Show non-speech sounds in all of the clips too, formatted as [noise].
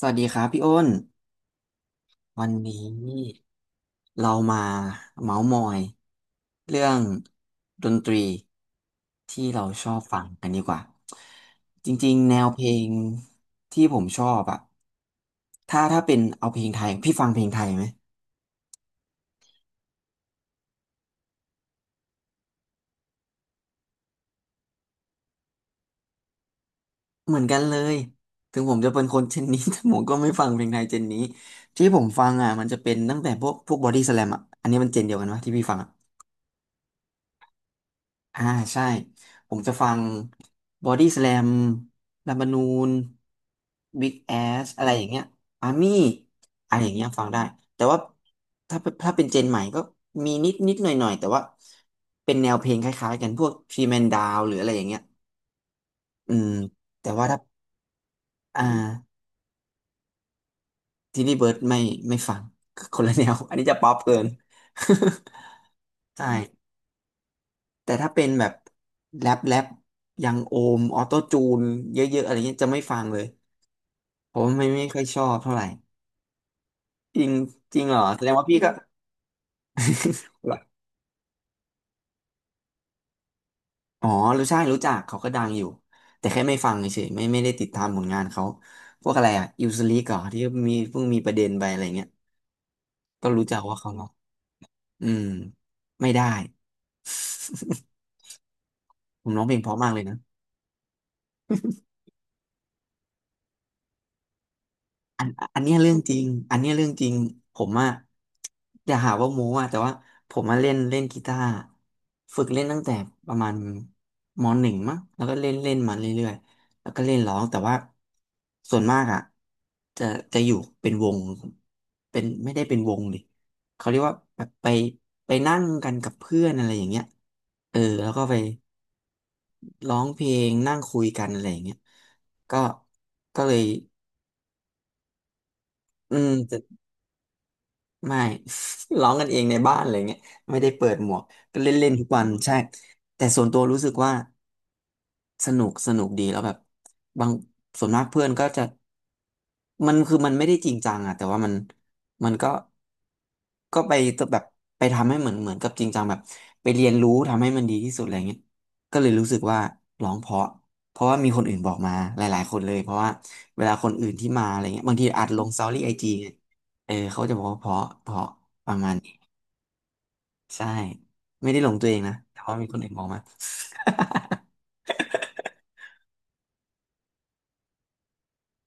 สวัสดีครับพี่อ้นวันนี้เรามาเมาส์มอยเรื่องดนตรีที่เราชอบฟังกันดีกว่าจริงๆแนวเพลงที่ผมชอบอะถ้าเป็นเอาเพลงไทยพี่ฟังเพลงไทยไหมเหมือนกันเลยถึงผมจะเป็นคนเจนนี้ [laughs] แต่ผมก็ไม่ฟังเพลงไทยเจนนี้ที่ผมฟังอ่ะมันจะเป็นตั้งแต่พวกบอดี้สแลมอ่ะอันนี้มันเจนเดียวกันวะที่พี่ฟังอะ อ่าใช่ผมจะฟังบอดี้ส a ลมลัมบานูนบิ๊กแอสอะไรอย่างเงี้ยอาร์มี่อะไรอย่างเงี้ยฟังได้แต่ว่าถ้าเป็นเจนใหม่ก็มีนิดนิดหน่อยหน่อยแต่ว่าเป็นแนวเพลงคล้ายๆกันพวกทรีแมนดาวหรืออะไรอย่างเงี้ยอืมแต่ว่าถ้าอ่าทีนี่เบิร์ดไม่ฟังคนละแนว [laughs] อันนี้จะป๊อปเกิน [laughs] ใช่แต่ถ้าเป็นแบบแรปยังโอมออโต้จูนเยอะๆอะไรเงี้ยจะไม่ฟังเลย ผมไม่ค่อยชอบเท่าไหร่จริงจริงเหรอแสดงว่าพี่ก็ [laughs] เหรออ๋อรู้ใช่รู้จักเขาก็ดังอยู่แต่แค่ไม่ฟังเฉยๆไม่ได้ติดตามผลงานเขาพวกอะไรอ่ะอิวสลีกเหรอที่มีเพิ่งมีประเด็นไปอะไรเงี้ยก็รู้จักว่าเขาเนาะอืมไม่ได้ [laughs] ผมร้องเพลงเพราะมากเลยนะ อันอันเนี้ยเรื่องจริงอันเนี้ยเรื่องจริงผมอะอย่าหาว่าโม้อะแต่ว่าผมมาเล่นเล่นกีตาร์ฝึกเล่นตั้งแต่ประมาณมหนึ่งมั้งแล้วก็เล่นเล่นมาเรื่อยๆแล้วก็เล่นร้องแต่ว่าส่วนมากอะจะจะอยู่เป็นวงเป็นไม่ได้เป็นวงดิเขาเรียกว่าแบบไปนั่งกันกับเพื่อนอะไรอย่างเงี้ยเออแล้วก็ไปร้องเพลงนั่งคุยกันอะไรอย่างเงี้ยก็ก็เลยอืม ไม่ [laughs] ร้องกันเองในบ้านอะไรเงี้ยไม่ได้เปิดหมวกก็เล่นเล่นทุกวันใช่แต่ส่วนตัวรู้สึกว่า สนุกดีแล้วแบบบางส่วนมากเพื่อนก็จะมันคือมันไม่ได้จริงจังอะแต่ว่ามันมันก็ไปแบบไปทำให้เหมือนกับจริงจังแบบไปเรียนรู้ทำให้มันดีที่สุดอะไรเงี้ยก็เลยรู้สึกว่าร้องเพราะเพราะว่ามีคนอื่นบอกมาหลายๆคนเลยเพราะว่าเวลาคนอื่นที่มาอะไรเงี้ยบางทีอัดลงสตอรี่ไอจีเออเขาจะบอกว่าเพราะประมาณนี้ใช่ไม่ได้ลงตัวเองนะแต่ว่ามีคนอื่นบอกมา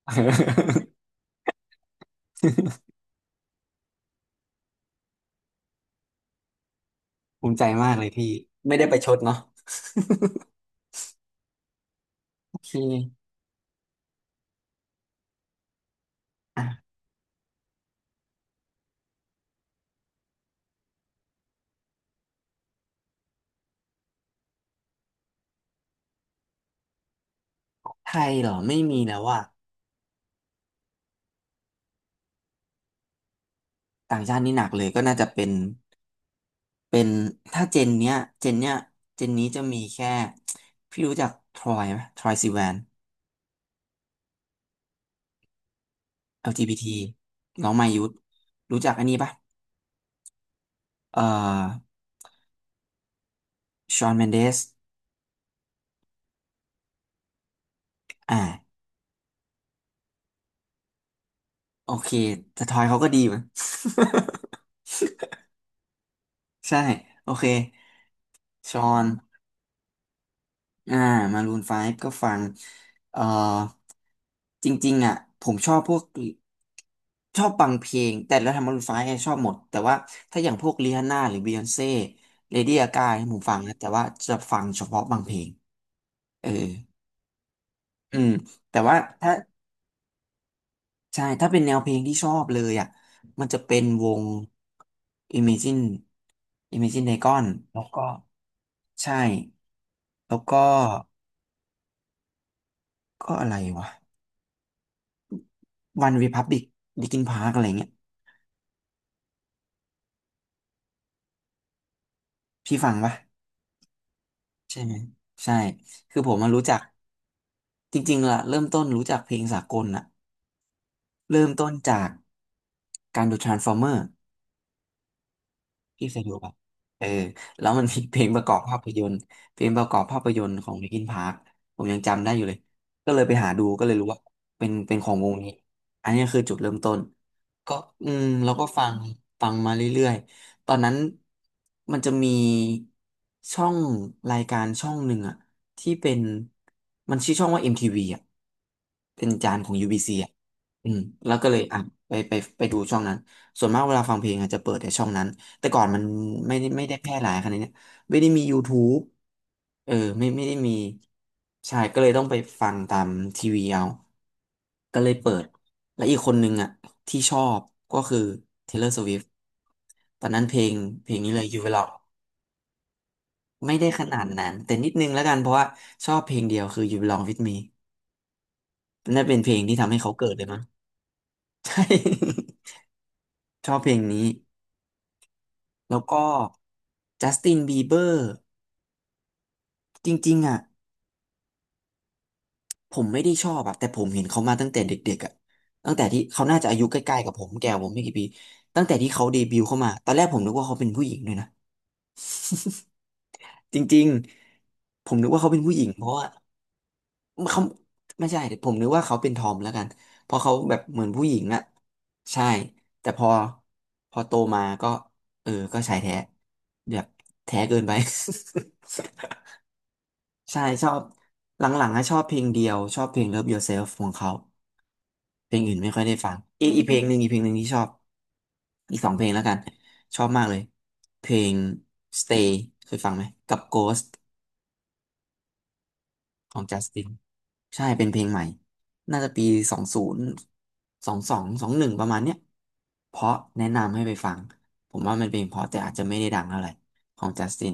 [laughs] ภูมิใจมากเลยพี่ไม่ได้ไปชดเนาะ [laughs] โอเคอ่ะไทยเหรอไม่มีแล้วว่ะต่างชาตินี่หนักเลยก็น่าจะเป็นเป็นถ้าเจนเนี้ยเจนนี้จะมีแค่พี่รู้จักทรอยไหมทรอยซิแวน LGBT น้องมายุทธรู้จักอันนี้ปะเอ่อชอนเมนเดสอ่าโอเคแต่ทรอยเขาก็ดีมั้ย [laughs] ใช่โอเคชอน อ่ามารูนไฟฟ์ก็ฟังเอ่อจริงๆอ่ะผมชอบพวกชอบฟังเพลงแต่แล้วทำมารูนไฟฟ์ชอบหมดแต่ว่าถ้าอย่างพวกริฮานน่าหรือบียอนเซ่เลดี้กาผมฟังนะแต่ว่าจะฟังเฉพาะบางเพลงเอออืมแต่ว่าถ้าใช่ถ้าเป็นแนวเพลงที่ชอบเลยอ่ะมันจะเป็นวง Imagine Imagine Dragon แล้วก็ใช่แล้วก็ก็อะไรวะ One Republic Linkin Park อะไรเงี้ย พี่ฟังปะใช่ไหมใช่คือผมมารู้จักจริงๆล่ะเริ่มต้นรู้จักเพลงสากลน่ะเริ่มต้นจากการดู Transformer พี่เคยดูป่ะเออแล้วมันมีเพลงประกอบภาพยนตร์เพลงประกอบภาพยนตร์ของลิ n กินพาร์คผมยังจำได้อยู่เลย ก็เลยไปหาดูก็เลยรู้ว่าเป็นของวงนี้ อันนี้คือจุดเริ่มต้นก็อืมแล้วก็ฟังฟังมาเรื่อยๆ ตอนนั้นมันจะมีช่องรายการช่องหนึ่งอะที่เป็นมันชื่อช่องว่า MTV อมทีวีอะเป็นจานของ UBC อะอืมแล้วก็เลยอ่ะไปดูช่องนั้น ส่วนมากเวลาฟังเพลงอาจจะเปิดในช่องนั้น แต่ก่อนมันไม่ได้แพร่หลายขนาดเนี้ยไม่ได้มี YouTube เออไม่ได้มีใช่ก็เลยต้องไปฟังตามทีวีเอา ก็เลยเปิด และอีกคนนึงอ่ะที่ชอบก็คือ Taylor Swift ตอนนั้นเพลงเพลงนี้เลย You Belong ไม่ได้ขนาดนั้นแต่นิดนึงแล้วกันเพราะว่าชอบเพลงเดียวคือ You Belong With Me นั่นเป็นเพลงที่ทำให้เขาเกิดเลยมั้ง [laughs] ใช่ [laughs] ชอบเพลงนี้แล้วก็ Justin Bieber จริงๆอ่ะผมไม่ได้ชอบอ่ะแต่ผมเห็นเขามาตั้งแต่เด็กๆอ่ะตั้งแต่ที่เขาน่าจะอายุใกล้ๆกับผมแก่กว่าผมไม่กี่ปีตั้งแต่ที่เขาเดบิวต์เข้ามาตอนแรกผมนึกว่าเขาเป็นผู้หญิงด้วยนะจริงๆผมนึกว่าเขาเป็นผู้หญิงเพราะว่าเขาไม่ใช่ผมนึกว่าเขาเป็นทอมแล้วกันเพราะเขาแบบเหมือนผู้หญิงอ่ะใช่แต่พอโตมาก็เออก็ชายแท้แบบแท้เกินไป [laughs] ใช่ชอบหลังๆอะชอบเพลงเดียวชอบเพลง Love Yourself ของเขา เพลงอื่นไม่ค่อยได้ฟังอีกเพลงหนึ่งอีกเพลงหนึ่งที่ชอบอีกสองเพลงแล้วกันชอบมากเลยเพลง Stay เคยฟังไหมกับ Ghost ของ Justin ใช่เป็นเพลงใหม่น่าจะปีสองศูนย์สองสองหนึ่งประมาณเนี้ยเพราะแนะนำให้ไปฟังผมว่ามันเป็นเพราะแต่อาจจะไม่ได้ดังเท่าไหร่ของ Justin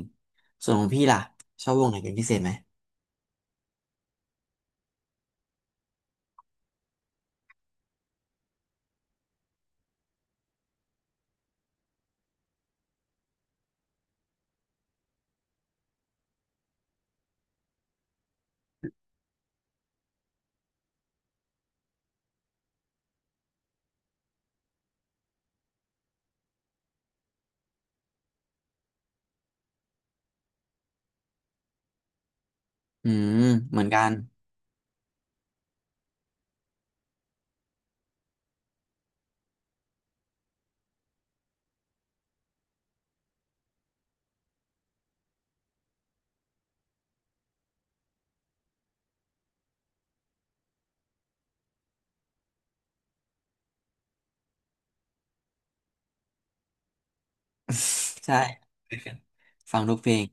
ส่วนของพี่ล่ะชอบวงไหนเป็นพิเศษไหมอืมเหมือนกัน [laughs] ใช่ [laughs] ฟังทุกเพลง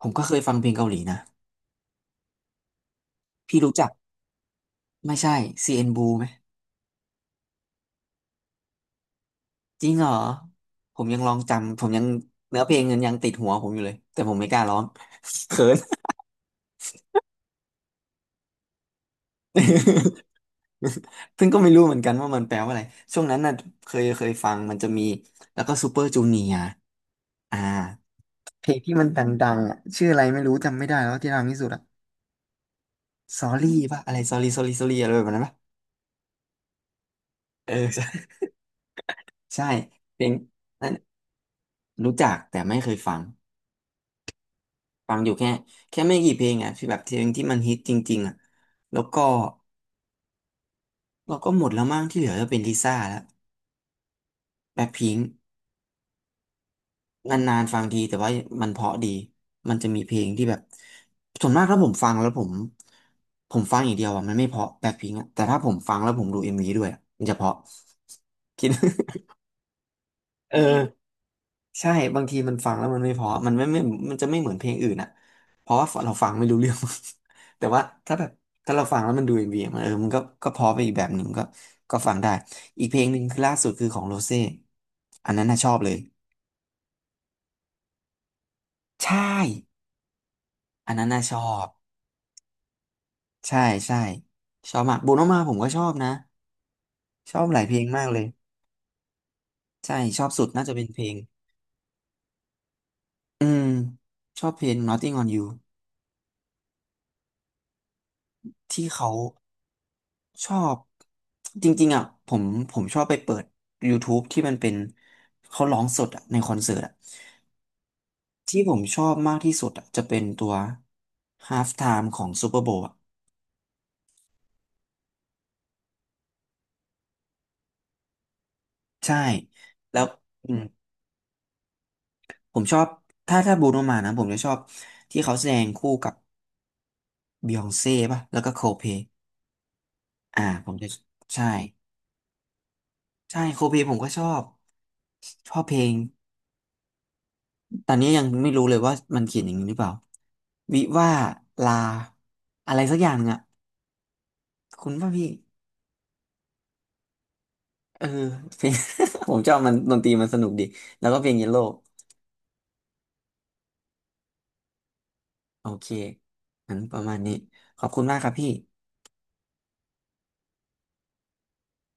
ผมก็เคยฟังเพลงเกาหลีนะพี่รู้จัก ไม่ใช่ CN Blue ไหมจริงเหรอผมยังลองจำผมยังเนื้อเพลงัยังติดหัวผมอยู่เลยแต่ผมไม่กล้าร้อง [laughs] เขิน [laughs] ซึ่งก็ไม่รู้เหมือนกันว่ามันแปลว่าอะไรช่วงนั้นน่ะเคยฟังมันจะมีแล้วก็ซูเปอร์จูเนียร์อ่าเพลงที่มันดังๆอ่ะชื่ออะไรไม่รู้จำไม่ได้แล้วที่ดังที่สุดอ่ะ Sorry ป่ะอะไร Sorry Sorry Sorry อะไรแบบนั้นป่ะเออ [laughs] ใช่เพลงนั้นรู้จักแต่ไม่เคยฟัง ฟังอยู่แค่ไม่กี่เพลงอ่ะที่แบบเพลงที่มันฮิตจริงๆอ่ะแล้วก็เราก็หมดแล้วมั้งที่เหลือจะเป็นลิซ่าแล้วแบ็คพิงค์นานๆฟังทีแต่ว่ามันเพราะดีมันจะมีเพลงที่แบบส่วนมากถ้าผมฟังแล้วผมฟังอย่างเดียวอ่ะมันไม่เพราะแบ็คพิงค์อ่ะแต่ถ้าผมฟังแล้วผมดูเอ็มวีด้วยอะมันจะเพราะ [laughs] คิด [laughs] เออ ใช่บางทีมันฟังแล้วมันไม่เพอมันไม่ไม่มันจะไม่เหมือนเพลงอื่นอ่ะเพราะว่าเราฟังไม่รู้เรื่อง [laughs] แต่ว่าถ้าแบบถ้าเราฟังแล้วมันดูเอ็มวีมันเออมันก็เพอไปอีกแบบหนึ่งก็ก็ฟังได้อีกเพลงหนึ่งคือล่าสุดคือของโรเซ่อันนั้นน่ะชอบเลยใช่อันนั้นน่ะชอบใช่ใช่ชอบมากโบโนมาผมก็ชอบนะชอบหลายเพลงมากเลยใช่ชอบสุดน่าจะเป็นเพลงอืมชอบเพลง Nothing on You ที่เขา ชอบจริงๆอ่ะผมชอบไปเปิด YouTube ที่มันเป็นเขาร้องสดอ่ะในคอนเสิร์ตอ่ะที่ผมชอบมากที่สุดอ่ะจะเป็นตัว Half Time ของ Super Bowl อ่ะใช่แล้วอืมผมชอบถ้าบรูโนมานะผมจะชอบที่เขาแสดงคู่กับบิยองเซ่ป่ะแล้วก็โคลด์เพลย์อ่าผมจะใช่โคลด์เพลย์ผมก็ชอบชอบเพลงตอนนี้ยังไม่รู้เลยว่ามันเขียนอย่างนี้หรือเปล่าวิว่าลาอะไรสักอย่างหนึ่งอะ คุณป่ะพี่เออ [laughs] เพลง [laughs] ผมชอบมันดนตรีมันสนุกดีแล้วก็เพลงเยลโล่โอเคงั้นประมาณนี้ขอบคุณมากครับพี่